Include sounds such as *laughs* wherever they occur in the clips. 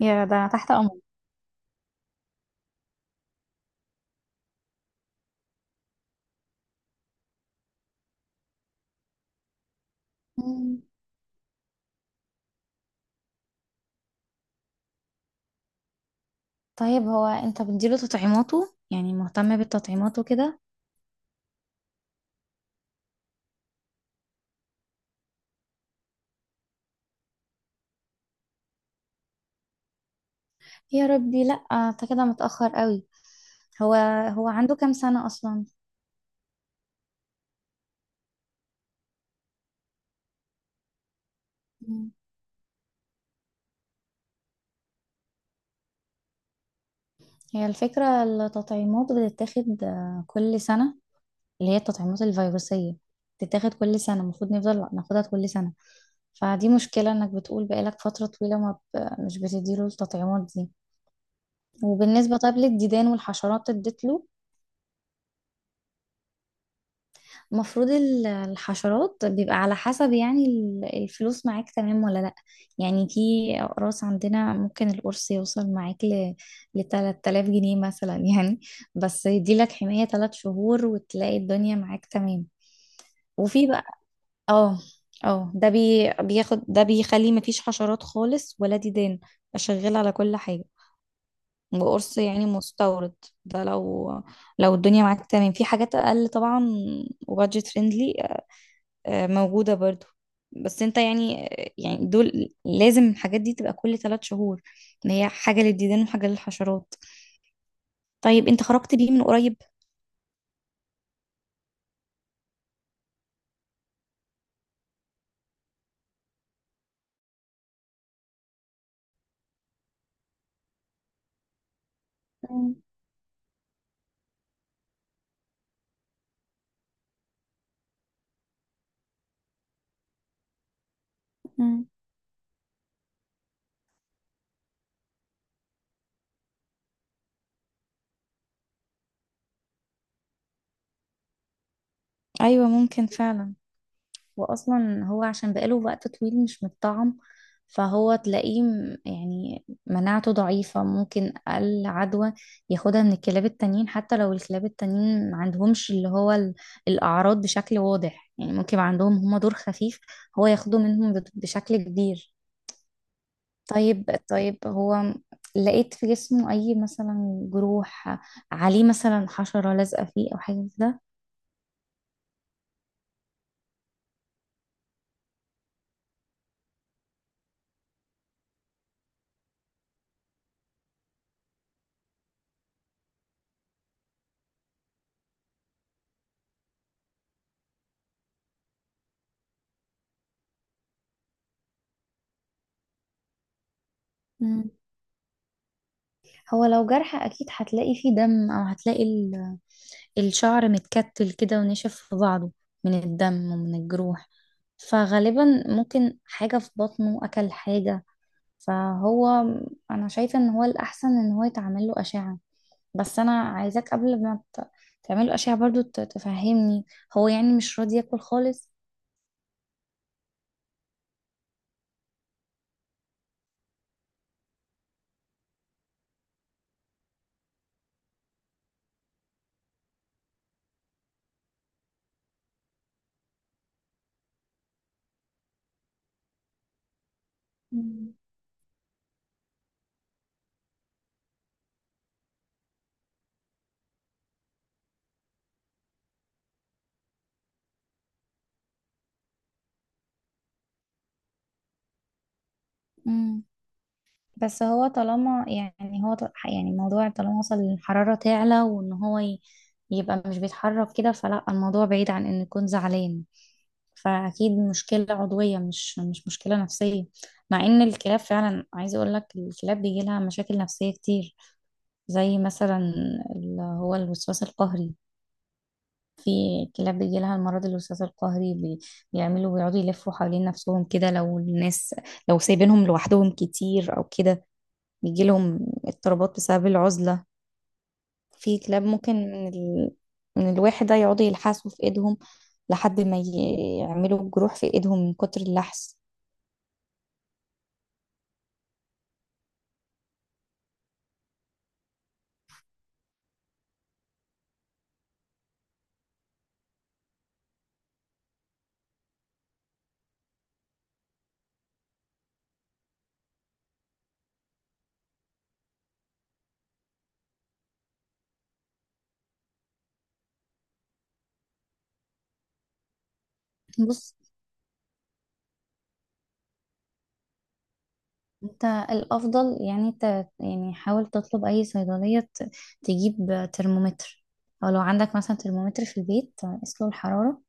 يا ده تحت امر. مم. طيب هو انت بتديله تطعيماته يعني مهتم بالتطعيمات وكده؟ يا ربي، لا انت كده متأخر قوي. هو هو عنده كام سنة اصلا؟ مم. هي الفكرة، التطعيمات بتتاخد كل سنة، اللي هي التطعيمات الفيروسية، بتتاخد كل سنة، المفروض نفضل ناخدها كل سنة. فدي مشكلة انك بتقول بقالك فترة طويلة ما ب... مش بتديله التطعيمات دي. وبالنسبة طيب للديدان والحشرات اديت له؟ المفروض الحشرات بيبقى على حسب، يعني الفلوس معاك تمام ولا لأ؟ يعني في أقراص عندنا، ممكن القرص يوصل معاك لتلات آلاف جنيه مثلا *laughs* يعني بس يديلك حماية 3 شهور، وتلاقي الدنيا معاك تمام. وفي بقى، اه اه ده بي بياخد ده بيخلي مفيش حشرات خالص ولا ديدان، شغال على كل حاجة. وقرص يعني مستورد، ده لو الدنيا معاك تمام في حاجات أقل طبعا، وبادجت فريندلي، موجودة برضو. بس انت يعني، دول لازم الحاجات دي تبقى كل 3 شهور، ان هي حاجة للديدان وحاجة للحشرات. طيب انت خرجت بيه من قريب؟ مم. مم. ايوه ممكن فعلا، واصلا هو عشان بقاله وقت طويل مش متطعم، فهو تلاقيه يعني مناعته ضعيفة، ممكن أقل عدوى ياخدها من الكلاب التانيين، حتى لو الكلاب التانيين ما عندهمش اللي هو الأعراض بشكل واضح، يعني ممكن يبقى عندهم هما دور خفيف، هو ياخده منهم بشكل كبير. طيب طيب هو، لقيت في جسمه أي مثلا جروح، عليه مثلا حشرة لازقة فيه أو حاجة كده؟ مم. هو لو جرح أكيد هتلاقي فيه دم، أو هتلاقي الشعر متكتل كده ونشف في بعضه من الدم ومن الجروح، فغالبا ممكن حاجة في بطنه، أكل حاجة، فهو أنا شايفة إن هو الأحسن إن هو يتعمل له أشعة. بس أنا عايزاك قبل ما تعمل له أشعة برضو تفهمني، هو يعني مش راضي ياكل خالص؟ مم. مم. بس هو طالما يعني هو يعني الموضوع طالما وصل للحرارة تعلى، وإن هو يبقى مش بيتحرك كده، فلا الموضوع بعيد عن إنه يكون زعلان، فأكيد مشكلة عضوية، مش مشكلة نفسية. مع إن الكلاب فعلا عايزة أقول لك، الكلاب بيجي لها مشاكل نفسية كتير، زي مثلا اللي هو الوسواس القهري. في كلاب بيجي لها المرض الوسواس القهري، بيقعدوا يلفوا حوالين نفسهم كده، لو سايبينهم لوحدهم كتير أو كده، بيجي لهم اضطرابات بسبب العزلة. في كلاب ممكن من الواحد ده يقعدوا يلحسوا في ايدهم لحد ما يعملوا جروح في ايدهم من كتر اللحس. بص، انت الافضل يعني، يعني حاول تطلب اي صيدليه، تجيب ترمومتر، او لو عندك مثلا ترمومتر في البيت قيس له الحراره.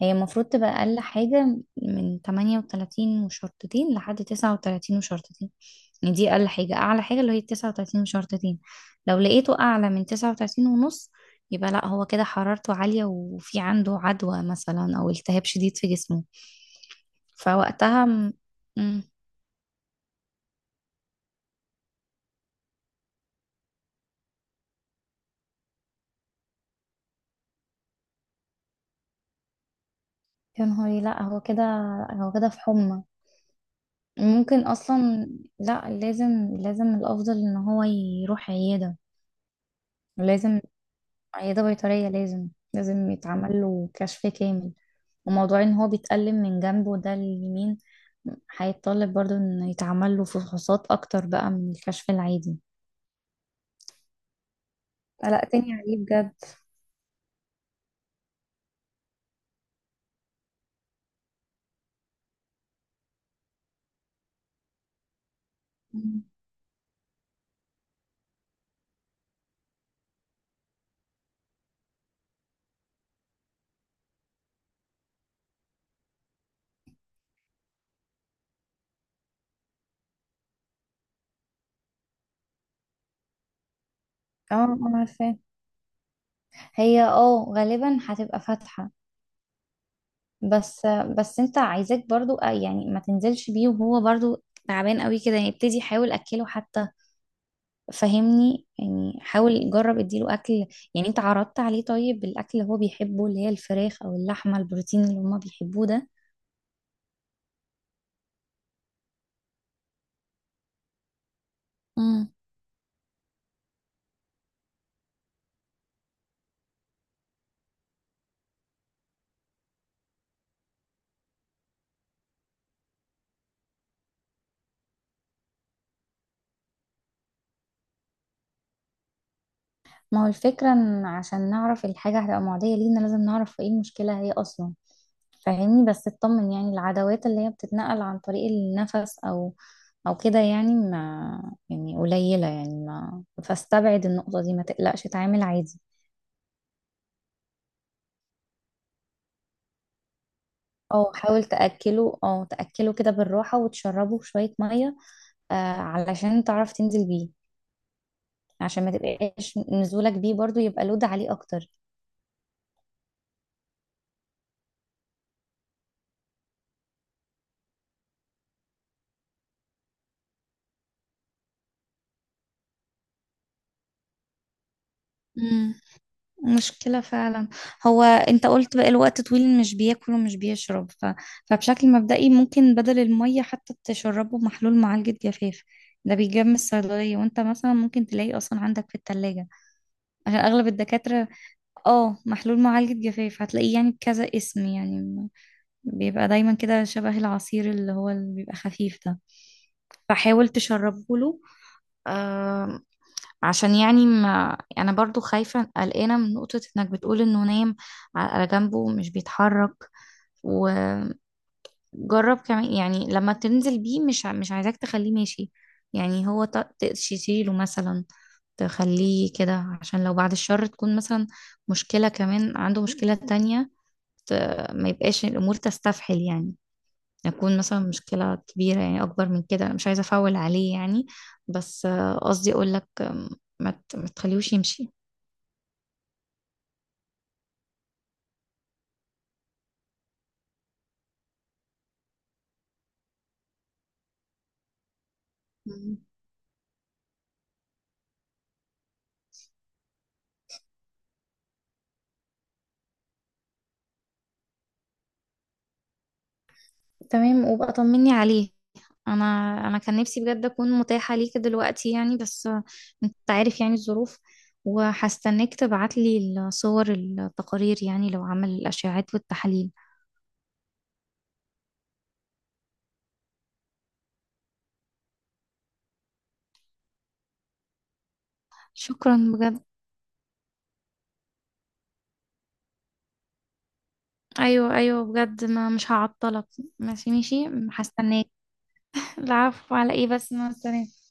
هي المفروض تبقى اقل حاجه من 38 وشرطتين لحد 39 وشرطتين، يعني دي اقل حاجه، اعلى حاجه اللي هي 39 وشرطتين. لو لقيته اعلى من 39 ونص، يبقى لا، هو كده حرارته عاليه وفي عنده عدوى مثلا او التهاب شديد في جسمه، فوقتها م... يا نهاري، لا هو كده في حمى. ممكن اصلا لا، لازم، لازم الافضل ان هو يروح عياده، لازم، عياده بيطريه، لازم، لازم يتعمل له كشف كامل، وموضوع ان هو بيتألم من جنبه ده اليمين هيتطلب برضو ان يتعمل له فحوصات اكتر بقى من الكشف العادي. قلقتني عليه بجد. مم. اه، انا عارفاه، هي غالبا هتبقى فاتحة. بس بس انت عايزاك برضو، يعني ما تنزلش بيه وهو برضو تعبان قوي كده، يعني ابتدي حاول اكله حتى، فهمني، يعني حاول جرب اديله اكل، يعني انت عرضت عليه طيب الاكل اللي هو بيحبه، اللي هي الفراخ او اللحمه، البروتين اللي هما بيحبوه؟ ده، ما هو الفكرة ان عشان نعرف الحاجة هتبقى معدية لينا لازم نعرف ايه المشكلة هي اصلا، فاهمني، بس اطمن، يعني العدوات اللي هي بتتنقل عن طريق النفس او كده يعني، ما يعني قليلة، يعني ما فاستبعد النقطة دي، ما تقلقش، اتعامل عادي. او حاول تأكله او تأكله كده بالراحة، وتشربه شوية مية، علشان تعرف تنزل بيه، عشان ما تبقاش نزولك بيه برضو يبقى لود عليه اكتر. مشكلة فعلا، هو انت قلت بقى الوقت طويل مش بياكل ومش بيشرب، فبشكل مبدئي ممكن بدل المية حتى تشربه محلول معالجة جفاف، ده بيجاب من الصيدلية، وانت مثلا ممكن تلاقيه اصلا عندك في التلاجة عشان اغلب الدكاترة، اه محلول معالجة جفاف هتلاقيه يعني بكذا اسم، يعني بيبقى دايما كده شبه العصير، اللي هو اللي بيبقى خفيف ده، فحاول تشربه له. آه، عشان يعني ما انا برضو خايفة قلقانة من نقطة انك بتقول انه نايم على جنبه مش بيتحرك، وجرب كمان يعني لما تنزل بيه، مش عايزاك تخليه ماشي، يعني هو تشيله مثلا، تخليه كده عشان لو بعد الشر تكون مثلا مشكلة كمان، عنده مشكلة تانية، ت- ما يبقاش الامور تستفحل يعني، يكون مثلا مشكلة كبيرة يعني اكبر من كده، انا مش عايزة افول عليه يعني، بس قصدي اقول لك، ما تخليهوش يمشي. تمام، وبقى طمني عليه. انا انا كان نفسي بجد اكون متاحة ليك دلوقتي يعني، بس، انت عارف يعني الظروف، وهستناك تبعتلي الصور، التقارير يعني لو عمل الاشعاعات والتحاليل. شكرا بجد. ايوه، ايوه بجد، ما مش هعطلك، ماشي، ماشي هستناك. العفو على ايه، بس مع السلامة.